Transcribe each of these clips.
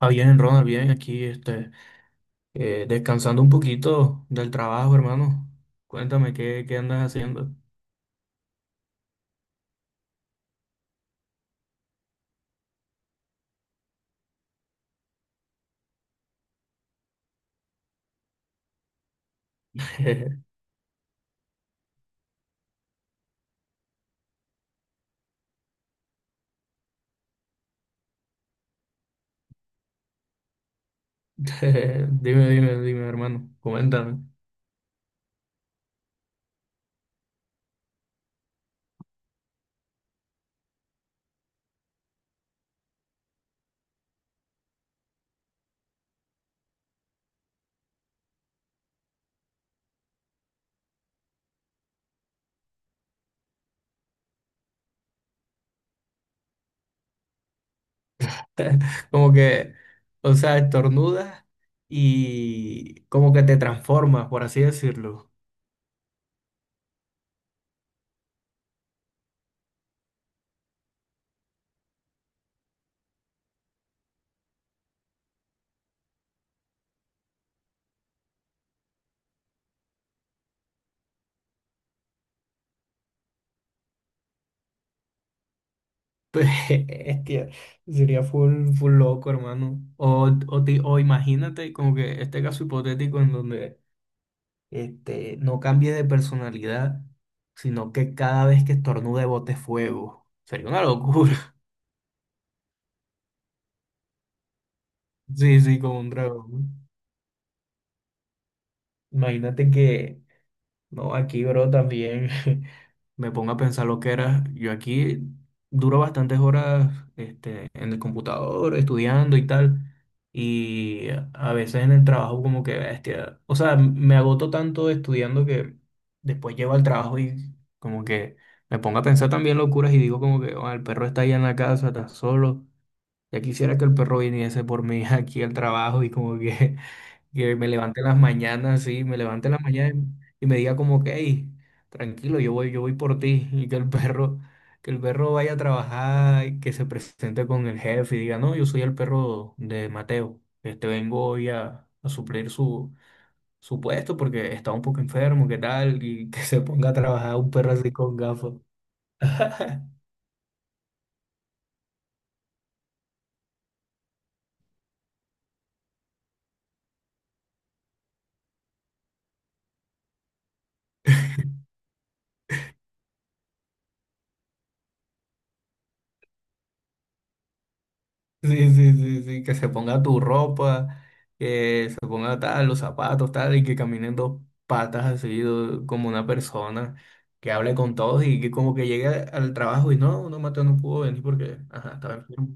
Ah, bien, Ronald, bien, aquí descansando un poquito del trabajo, hermano. Cuéntame, ¿qué andas haciendo? Dime, dime, dime, hermano, coméntame. Como que, o sea, estornudas y como que te transformas, por así decirlo. Hostia, sería full, full loco, hermano. O imagínate como que este caso hipotético en donde este, no cambie de personalidad, sino que cada vez que estornude bote fuego. Sería una locura. Sí, sí, como un dragón, ¿no? Imagínate que no, aquí, bro, también me pongo a pensar lo que era. Yo aquí duro bastantes horas este, en el computador, estudiando y tal. Y a veces en el trabajo como que, bestia, o sea, me agoto tanto estudiando que después llego al trabajo y como que me pongo a pensar también locuras y digo como que: "Oh, el perro está allá en la casa, está solo. Ya quisiera que el perro viniese por mí aquí al trabajo y como que me levante en las mañanas, sí, me levante en las mañanas y me diga como que: hey, tranquilo, yo voy por ti, y que el perro vaya a trabajar y que se presente con el jefe y diga: no, yo soy el perro de Mateo, este vengo hoy a suplir su, su puesto porque está un poco enfermo, ¿qué tal? Y que se ponga a trabajar un perro así con gafas". Sí, sí, sí, sí, que se ponga tu ropa, que se ponga tal, los zapatos, tal, y que caminen dos patas así como una persona, que hable con todos y que como que llegue al trabajo y no, no, Mateo no pudo venir porque, ajá, estaba enfermo.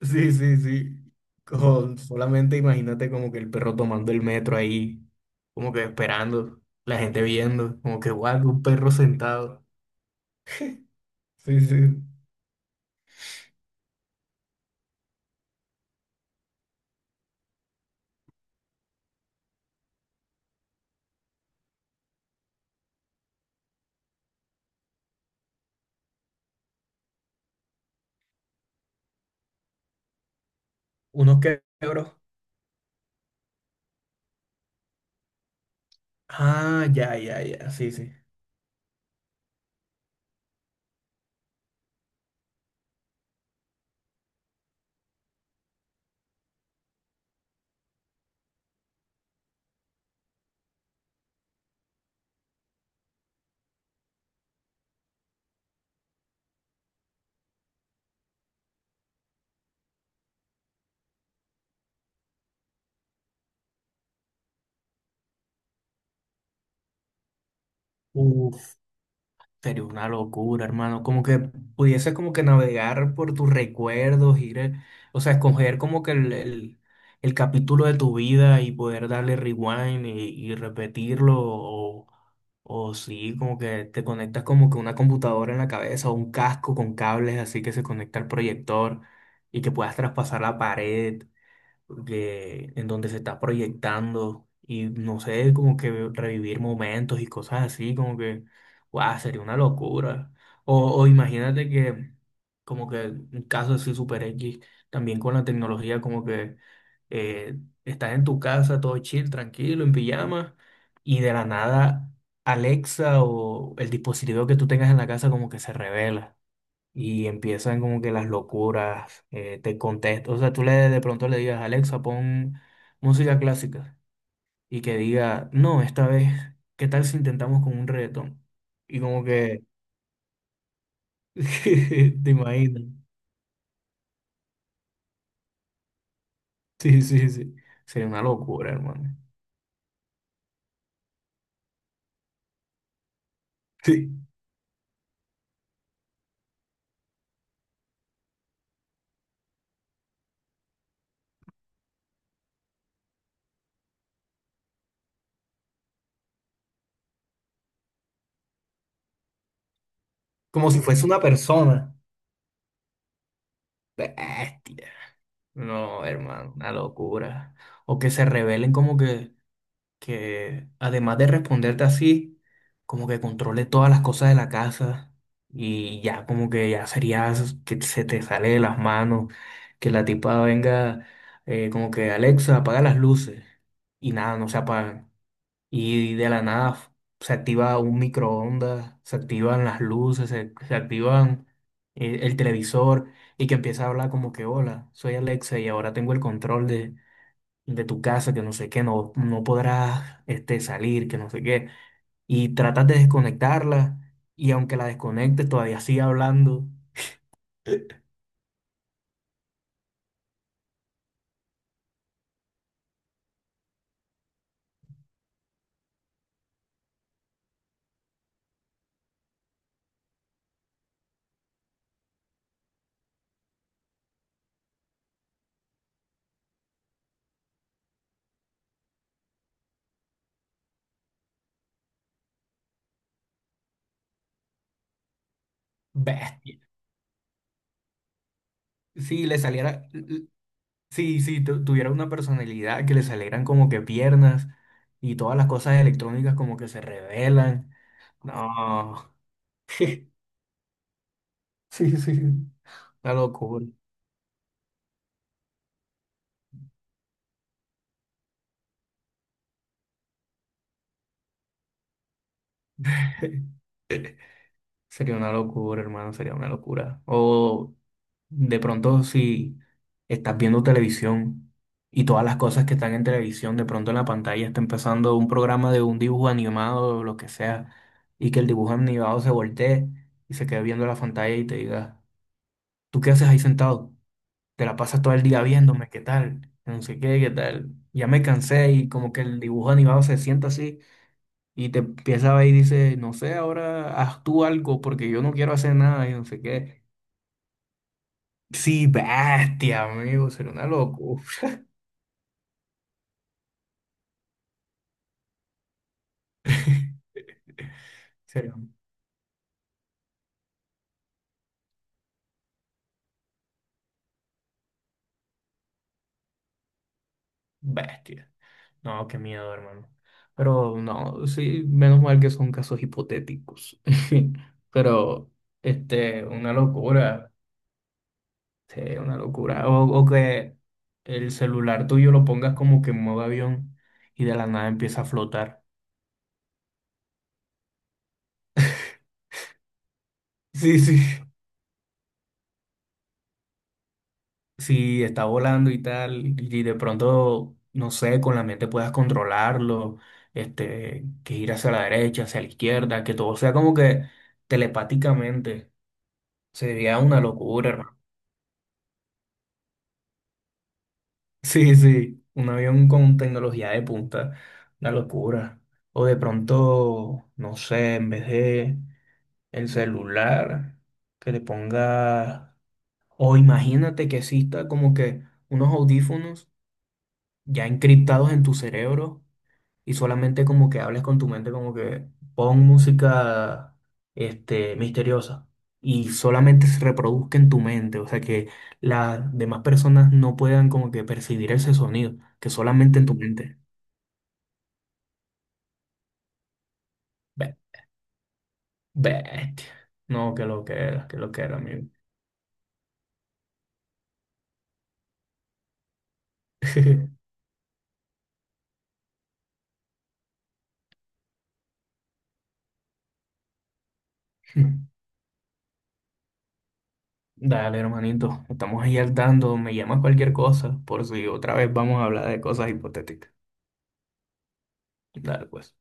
Sí, sí, sí, con, solamente imagínate como que el perro tomando el metro ahí, como que esperando, la gente viendo, como que guau, un perro sentado. Sí, sí. Unos quebros. Ah, ya, ya, ya, sí, sí. Uf, sería una locura, hermano. Como que pudieses como que navegar por tus recuerdos, ir, o sea, escoger como que el capítulo de tu vida y poder darle rewind y repetirlo. O sí, como que te conectas como que una computadora en la cabeza o un casco con cables así que se conecta al proyector y que puedas traspasar la pared en donde se está proyectando y no sé, como que revivir momentos y cosas así, como que guau, sería una locura. O imagínate que, como que un caso así super X, también con la tecnología, como que eh, estás en tu casa, todo chill, tranquilo, en pijama, y de la nada Alexa o el dispositivo que tú tengas en la casa como que se revela y empiezan como que las locuras, te contestan, o sea, tú le de pronto le digas: Alexa, pon música clásica, y que diga: no, esta vez, ¿qué tal si intentamos con un reggaetón? Y como que, te imaginas, sí, sí, sí, sería una locura, hermano. Sí, como si fuese una persona. Bestia. No, hermano, una locura. O que se rebelen como que además de responderte así, como que controle todas las cosas de la casa y ya como que ya sería que se te sale de las manos, que la tipa venga como que Alexa, apaga las luces, y nada, no se apagan. Y de la nada se activa un microondas, se activan las luces, se activan el televisor y que empieza a hablar como que: hola, soy Alexa y ahora tengo el control de tu casa, que no sé qué, no, no podrás este, salir, que no sé qué. Y tratas de desconectarla y aunque la desconectes todavía sigue hablando. Bestia. Si le saliera, tuviera una personalidad que le salieran como que piernas y todas las cosas electrónicas como que se revelan. No. Sí, sí. Una locura. Sería una locura, hermano, sería una locura. O de pronto, si estás viendo televisión y todas las cosas que están en televisión, de pronto en la pantalla está empezando un programa de un dibujo animado o lo que sea, y que el dibujo animado se voltee y se quede viendo la pantalla y te diga: ¿tú qué haces ahí sentado? Te la pasas todo el día viéndome, ¿qué tal? No sé qué, ¿qué tal? Ya me cansé, y como que el dibujo animado se sienta así y te empieza a ver y dice: no sé, ahora haz tú algo porque yo no quiero hacer nada y no sé qué. Sí, bestia, amigo, sería una locura. Sería un- bestia. No, qué miedo, hermano. Pero no, sí, menos mal que son casos hipotéticos. Pero este, una locura. Sí, una locura. O que el celular tuyo lo pongas como que en modo avión y de la nada empieza a flotar. Sí, sí. Si está volando y tal, y de pronto, no sé, con la mente puedas controlarlo, este, que ir hacia la derecha, hacia la izquierda, que todo sea como que telepáticamente, sería una locura, hermano. Sí, sí, un avión con tecnología de punta, una locura. O de pronto, no sé, en vez de el celular, que le ponga, o imagínate que exista como que unos audífonos ya encriptados en tu cerebro y solamente como que hables con tu mente como que pon música este, misteriosa, y solamente se reproduzca en tu mente, o sea que las demás personas no puedan como que percibir ese sonido, que solamente en tu mente. Be- Bestia. No, que lo que era, que lo que era, amigo. Dale, hermanito, estamos ahí al tanto, me llamas cualquier cosa, por si otra vez vamos a hablar de cosas hipotéticas. Dale, pues.